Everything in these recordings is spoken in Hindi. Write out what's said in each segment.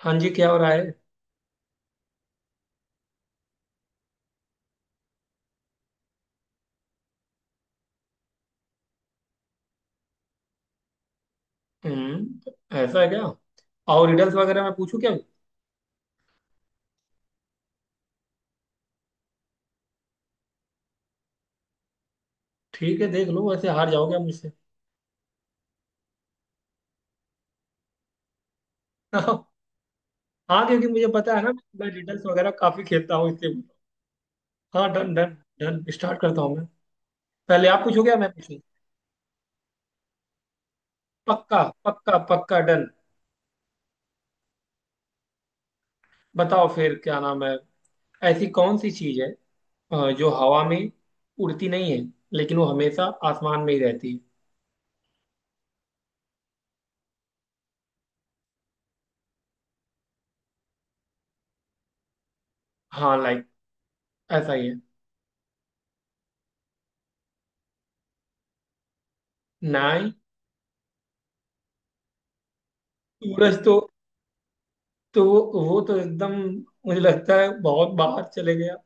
हाँ जी, क्या हो रहा है। ऐसा है क्या। और रिडल्स वगैरह मैं पूछूं क्या? ठीक है, देख लो वैसे हार जाओगे आप मुझसे। हाँ, क्योंकि मुझे पता है ना, मैं रिडल्स वगैरह काफी खेलता हूँ इसलिए बोल रहा हूँ। हाँ, डन डन डन, स्टार्ट करता हूँ मैं। पहले आप पूछोगे या मैं पूछूं? पक्का पक्का पक्का, डन। बताओ फिर क्या नाम है। ऐसी कौन सी चीज है जो हवा में उड़ती नहीं है, लेकिन वो हमेशा आसमान में ही रहती है। हाँ लाइक, ऐसा ही है। ना ही। सूरज तो वो तो एकदम, मुझे लगता है, बहुत बाहर चले गया।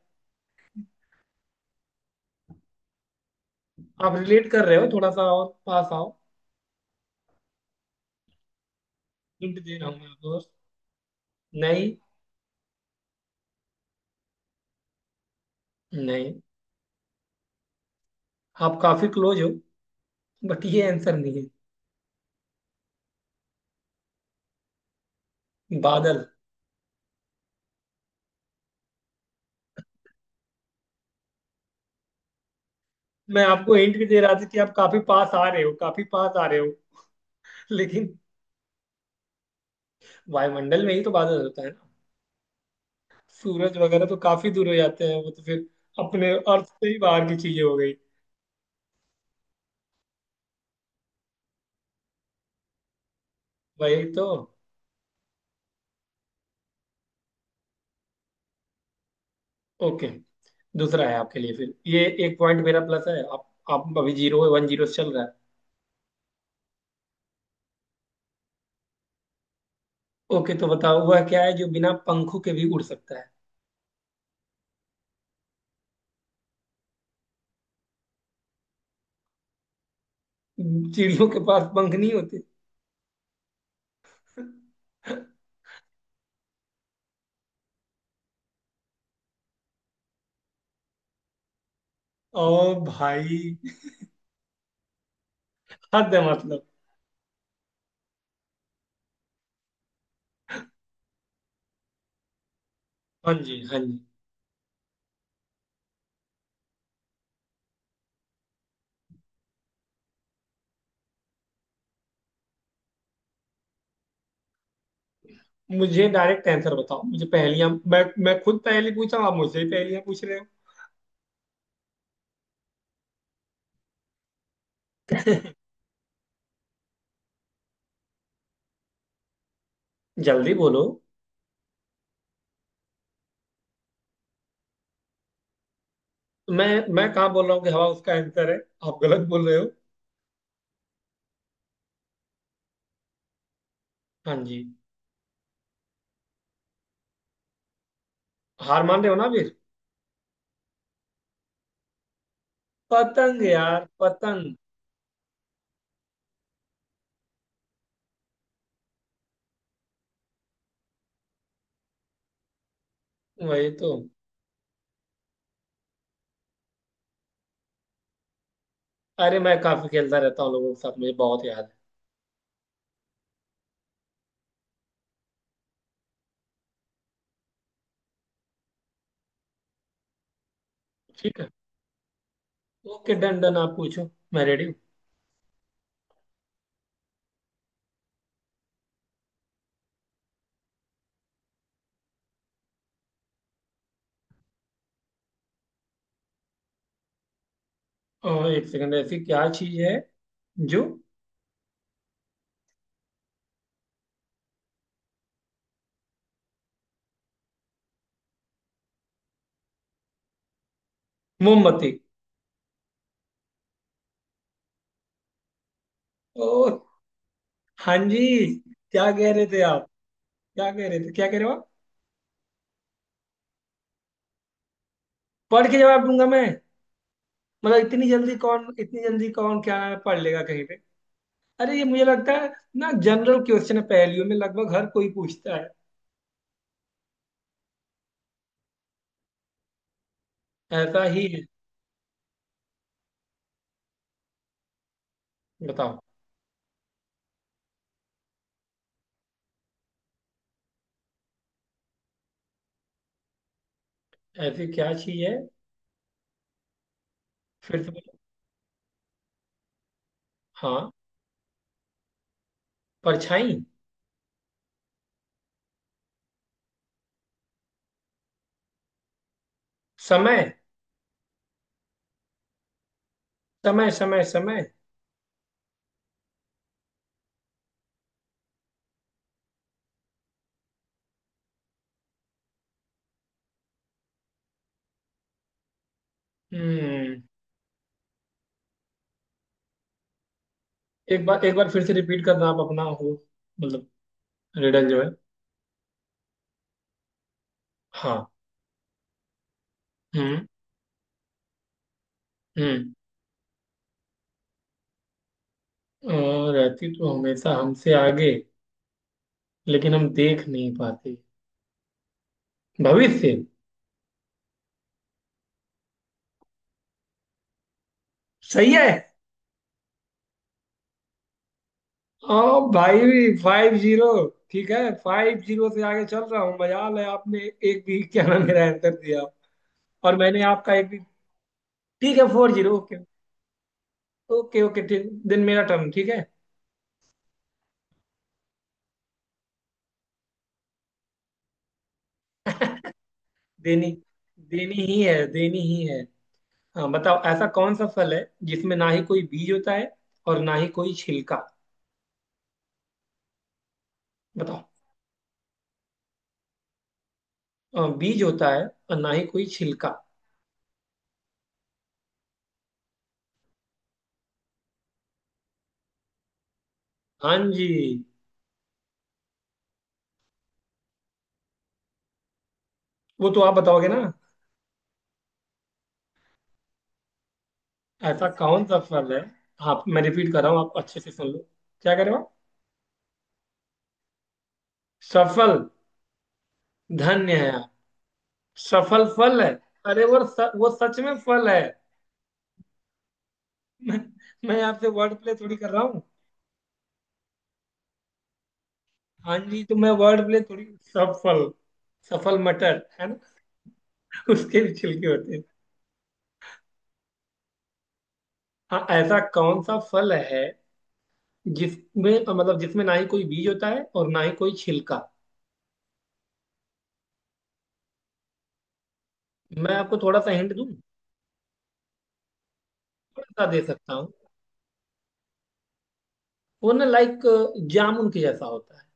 आप रिलेट कर रहे हो, थोड़ा सा और पास आओ। हिंट दे रहा हूँ मैं आपको बस। नहीं, नहीं, आप काफी क्लोज हो, बट ये आंसर नहीं है। बादल। मैं आपको हिंट भी दे रहा था कि आप काफी पास आ रहे हो, काफी पास आ रहे हो। लेकिन वायुमंडल में ही तो बादल होता है ना। सूरज वगैरह तो काफी दूर हो जाते हैं, वो तो फिर अपने अर्थ से ही बाहर की चीजें हो गई। वही तो। ओके, दूसरा है आपके लिए। फिर ये एक पॉइंट मेरा प्लस है, आप अभी जीरो है, 1-0 से चल रहा है। ओके, तो बताओ वह क्या है जो बिना पंखों के भी उड़ सकता है। चिड़ियों के पास पंख नहीं होते? ओ भाई, हद है मतलब। हाँ जी, हाँ जी। मुझे डायरेक्ट आंसर बताओ। मुझे पहेलियां, मैं खुद पहेली पूछा हूं, आप मुझसे ही पहेलियां पूछ रहे हो। जल्दी बोलो। मैं मैं कहाँ बोल रहा हूँ कि हवा उसका आंसर है। आप गलत बोल रहे हो। हाँ जी। हार मान रहे हो ना फिर? पतंग यार, पतंग। वही तो। अरे, मैं काफी खेलता रहता हूँ लोगों के साथ, मुझे बहुत याद है। ठीक है। ओके, डन डन, आप पूछो। मैं रेडी हूँ। और एक सेकंड, ऐसी क्या चीज है जो... मोमबत्ती। ओ, हाँ जी। क्या कह रहे थे आप? क्या कह रहे थे? क्या कह रहे हो आप? पढ़ के जवाब दूंगा मैं? मतलब इतनी जल्दी कौन, इतनी जल्दी कौन क्या नाम है पढ़ लेगा कहीं पे। अरे, ये मुझे लगता है ना, जनरल क्वेश्चन है, पहेलियों में लगभग हर कोई पूछता है। ऐसा ही है। बताओ, ऐसी क्या चीज है। फिर से बोलो। हाँ, परछाई। समय, समय, समय, समय। हम्म एक बार, एक बार फिर से रिपीट करना आप अपना, हो मतलब रिडल जो है। हाँ, हम्म, हम्म। अ, रहती तो हमेशा हमसे आगे, लेकिन हम देख नहीं पाते। भविष्य। सही है। ओ भाई, 5-0। ठीक है, 5-0 से आगे चल रहा हूँ, मजाल है आपने एक भी क्या नाम मेरा आंसर दिया। और मैंने आपका एक भी... ठीक है, 4-0, ओके। ओके, ओके, ठीक दिन मेरा टर्न, ठीक है। देनी, देनी ही है, देनी ही है। हाँ बताओ, ऐसा कौन सा फल है जिसमें ना ही कोई बीज होता है और ना ही कोई छिलका? बताओ। बीज होता है और ना ही कोई छिलका। हाँ जी। वो तो आप बताओगे ना। ऐसा कौन सा फल है। आप, मैं रिपीट कर रहा हूँ, आप अच्छे से सुन लो। क्या करे आप। सफल। धन्य है आप। सफल फल है? अरे, वो सच में फल है। मैं, मैं आपसे वर्ड प्ले थोड़ी कर रहा हूँ। हाँ जी, तो मैं वर्ड प्ले थोड़ी... सफल, सफल मटर है ना, उसके भी छिलके होते हैं। हाँ, ऐसा कौन सा फल है जिसमें, मतलब जिसमें, ना ही कोई बीज होता है और ना ही कोई छिलका? मैं आपको थोड़ा सा हिंट दूं? थोड़ा सा दे सकता हूँ। वो ना, लाइक जामुन के जैसा होता है।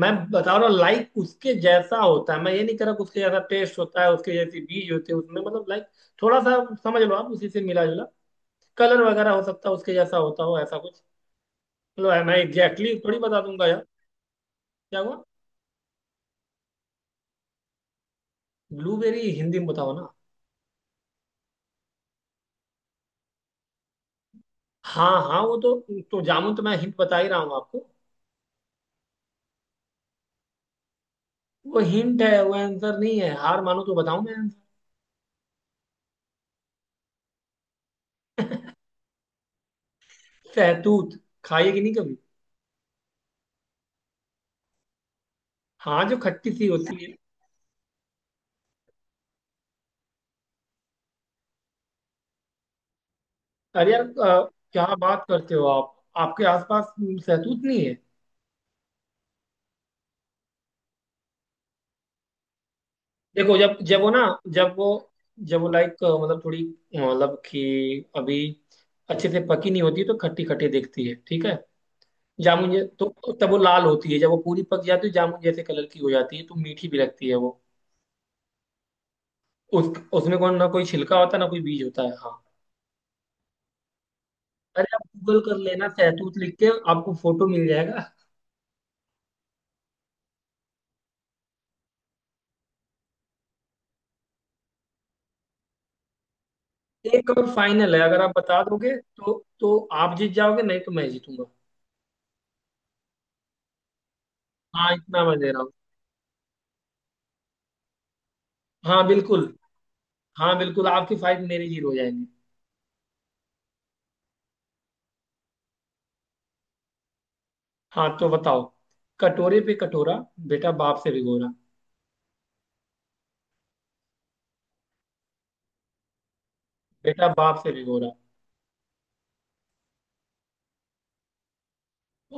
मैं बता रहा हूँ, लाइक उसके जैसा होता है, मैं ये नहीं कह रहा कि उसके जैसा टेस्ट होता है, उसके जैसे बीज होते हैं उसमें। मतलब लाइक, थोड़ा सा समझ लो आप, उसी से मिला जुला कलर वगैरह हो सकता है, उसके जैसा होता हो ऐसा कुछ। मतलब है, मैं एग्जैक्टली exactly थोड़ी बता दूंगा यार। क्या हुआ? ब्लूबेरी हिंदी में बताओ ना। हाँ हाँ, वो तो जामुन तो मैं हिंट बता ही रहा हूँ आपको। वो हिंट है, वो आंसर नहीं है। हार मानो तो बताऊं मैं आंसर। सहतूत। खाइए कि नहीं कभी? हाँ, जो खट्टी सी होती है। अरे यार, क्या बात करते हो आप। आपके आसपास सहतूत नहीं है? देखो, जब जब वो ना, जब वो, जब वो लाइक मतलब थोड़ी, मतलब कि अभी अच्छे से पकी नहीं होती तो खट्टी खट्टी दिखती है, ठीक है। तो तब वो लाल होती है, जब वो पूरी पक जाती है जामुन जैसे कलर की हो जाती है तो मीठी भी लगती है वो। उस उसमें कौन ना कोई छिलका होता है, ना कोई बीज होता है, हाँ। अरे, आप गूगल कर लेना, सैतूत लिख के आपको फोटो मिल जाएगा। एक और फाइनल है, अगर आप बता दोगे तो आप जीत जाओगे, नहीं तो मैं जीतूंगा। हाँ, इतना मैं दे रहा हूँ। हाँ बिल्कुल, हाँ बिल्कुल, आपकी फाइट मेरी जीरो हो जाएंगी। हाँ तो बताओ: कटोरे पे कटोरा, बेटा बाप से भिगोरा। बेटा बाप से भिगोरा।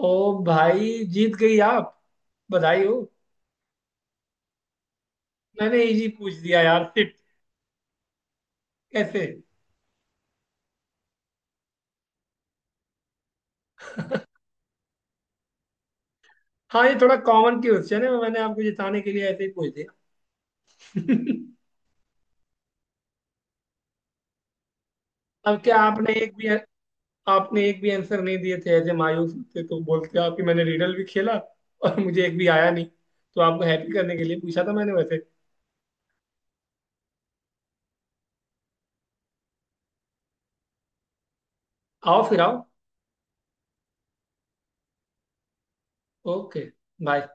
ओ भाई, जीत गई आप, बधाई हो। मैंने इजी पूछ दिया यार, सिट। कैसे? हाँ, ये थोड़ा कॉमन क्वेश्चन है, मैंने आपको जिताने के लिए ऐसे ही पूछ दिया। अब क्या आपने एक भी आंसर नहीं दिए थे, एज ए मायूस थे तो बोलते आप कि मैंने रीडल भी खेला, और मुझे एक भी आया नहीं। तो आपको हैप्पी करने के लिए पूछा था मैंने, वैसे। आओ फिर, आओ। Okay, bye.